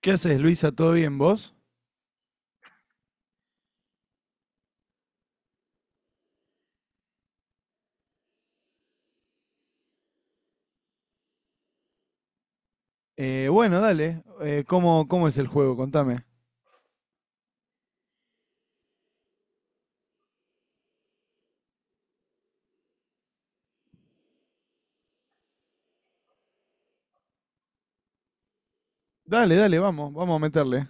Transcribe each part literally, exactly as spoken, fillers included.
¿Qué haces, Luisa? ¿Todo bien vos? Eh, bueno, dale. Eh, ¿cómo, ¿Cómo es el juego? Contame. Dale, dale, vamos, vamos a meterle.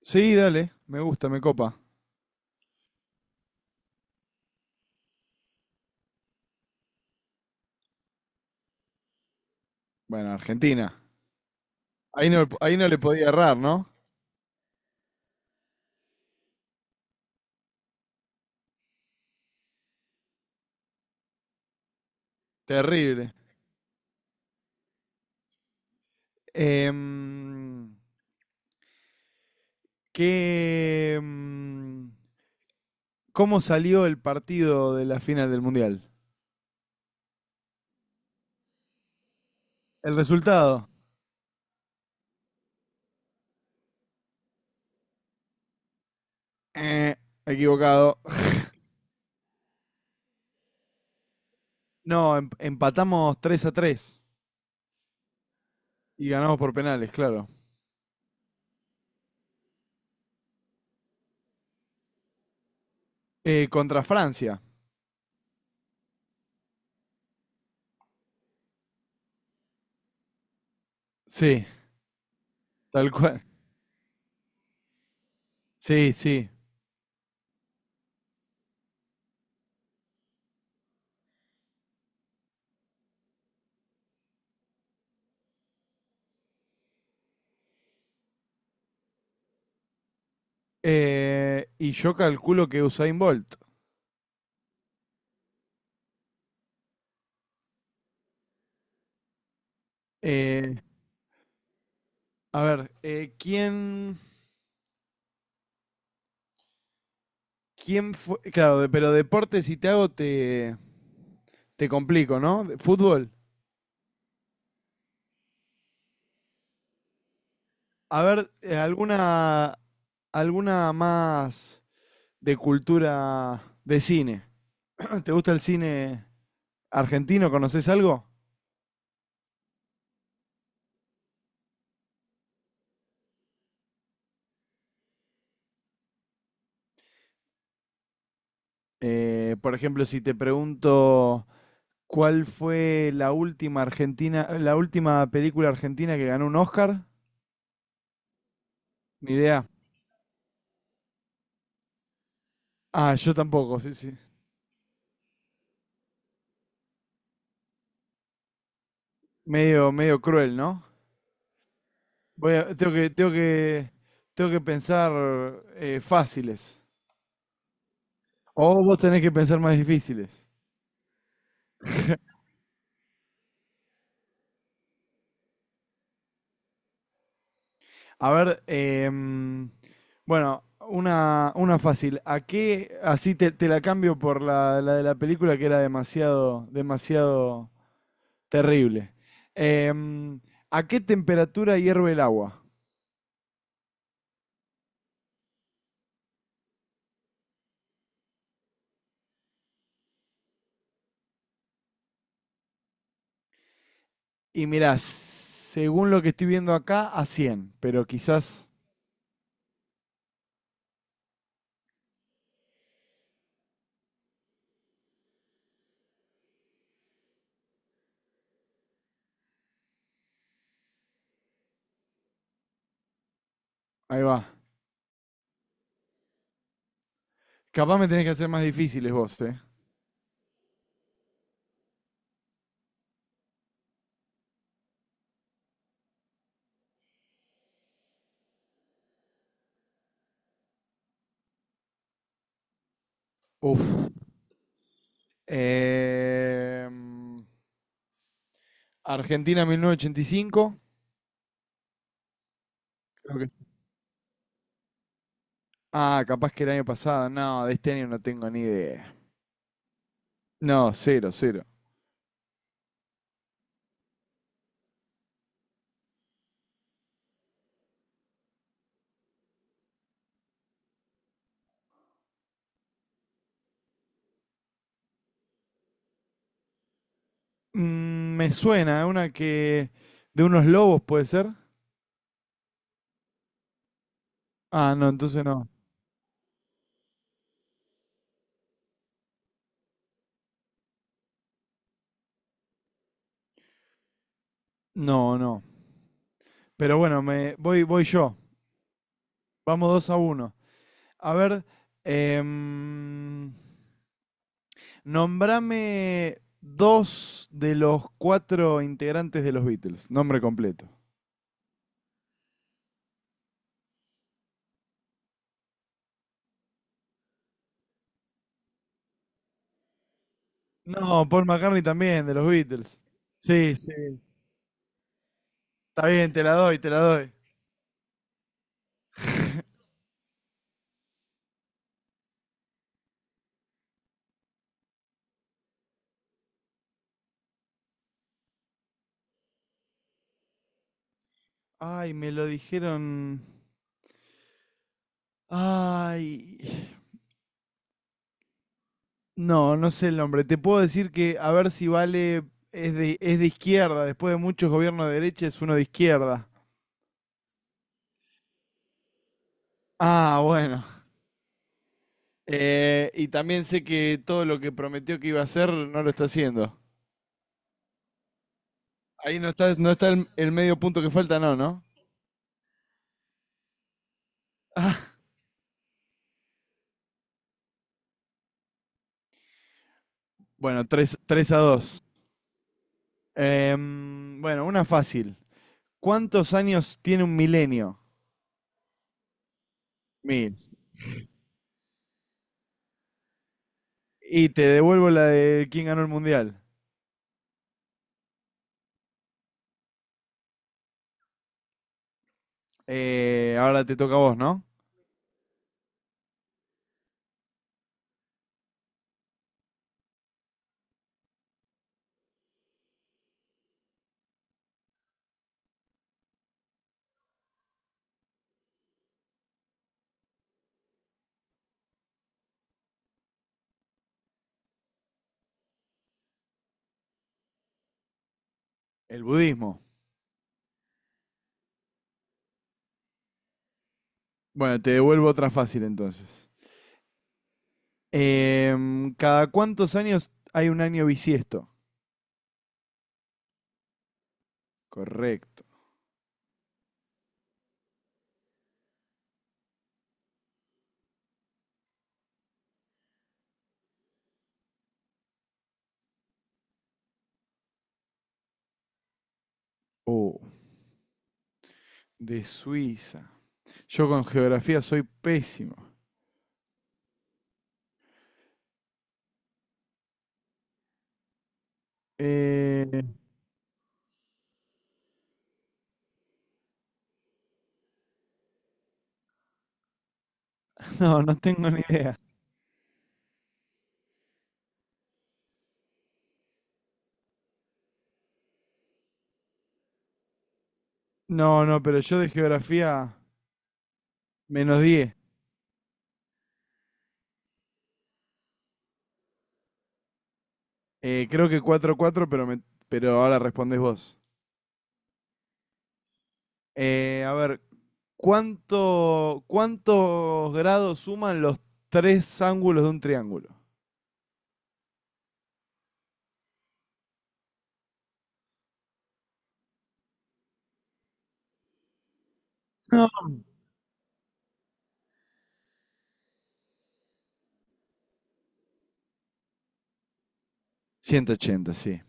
Sí, dale, me gusta, me copa. Bueno, Argentina. Ahí no, ahí no le podía errar, ¿no? Terrible. Em, ¿qué, em, ¿Cómo salió el partido de la final del Mundial? ¿El resultado? Eh, equivocado. No, em- empatamos tres a tres y ganamos por penales, claro. Eh, contra Francia. Sí. Tal cual. Sí, sí. Eh, y yo calculo que Usain Bolt. Eh, a ver, eh, ¿quién, quién fue? Claro, de- pero deporte si te hago te, te complico, ¿no? De- Fútbol. A ver, eh, alguna, alguna más de cultura de cine. ¿Te gusta el cine argentino? ¿Conoces algo? Eh, por ejemplo, si te pregunto cuál fue la última Argentina, la última película argentina que ganó un Oscar. Ni idea. Ah, yo tampoco, sí, sí. Medio, medio cruel, ¿no? Voy a- tengo que, tengo que, tengo que pensar eh, fáciles. O vos tenés que pensar más difíciles. A ver, em, bueno, una, una fácil. ¿A qué? Así te, te la cambio por la, la de la película que era demasiado, demasiado terrible. Em, ¿A qué temperatura hierve el agua? Y mirá, según lo que estoy viendo acá, a cien pero quizás... Ahí va. Capaz me tenés que hacer más difíciles vos, ¿eh? Uf. Em, Argentina mil novecientos ochenta y cinco. Creo que- Ah, capaz que el año pasado. No, de este año no tengo ni idea. No, cero, cero. Mm, me suena, ¿eh? Una que... De unos lobos, ¿puede ser? Ah, no, entonces no. No, no. Pero bueno, me voy, voy yo. Vamos dos a uno. A ver, em, Nombrame dos de los cuatro integrantes de los Beatles, nombre completo. No, Paul McCartney también, de los Beatles. Sí, sí. Está bien, te la doy, te la doy. Ay, me lo dijeron. Ay. No, no sé el nombre. Te puedo decir que a ver si vale. Es de, es de izquierda. Después de muchos gobiernos de derecha, es uno de izquierda. Ah, bueno. Eh, y también sé que todo lo que prometió que iba a hacer no lo está haciendo. Ahí no está, no está el, el medio punto que falta, no, ¿no? Bueno, tres a dos. Em, bueno, una fácil. ¿Cuántos años tiene un milenio? Mil. Y te devuelvo la de quién ganó el mundial. Eh, ahora te toca a vos, ¿no? El budismo. Bueno, te devuelvo otra fácil entonces. Em, ¿cada cuántos años hay un año bisiesto? Correcto. Oh, de Suiza. Yo con geografía soy pésimo. Eh, no, no tengo ni idea. No, no, pero yo de geografía menos diez. Eh, creo que cuatro cuatro, pero, me- pero ahora respondés vos. Eh, a ver, ¿cuánto, ¿cuántos grados suman los tres ángulos de un triángulo? No. Ciento ochenta, sí.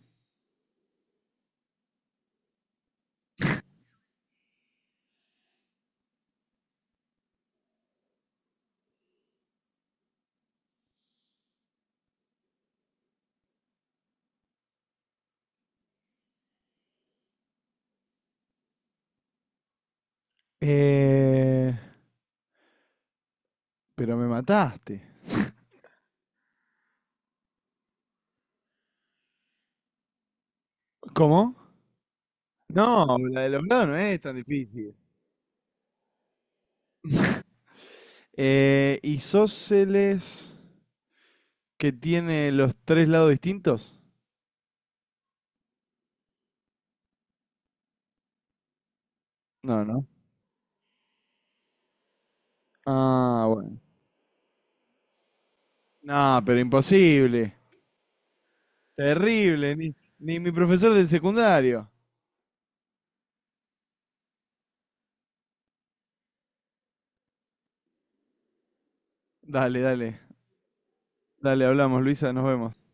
Eh, pero me mataste. ¿Cómo? No, la de los grados no es tan difícil. Eh, ¿isósceles que tiene los tres lados distintos? No, no. Ah, bueno. No, pero imposible. Terrible, ni, ni mi profesor del secundario. Dale, dale, dale, hablamos, Luisa, nos vemos.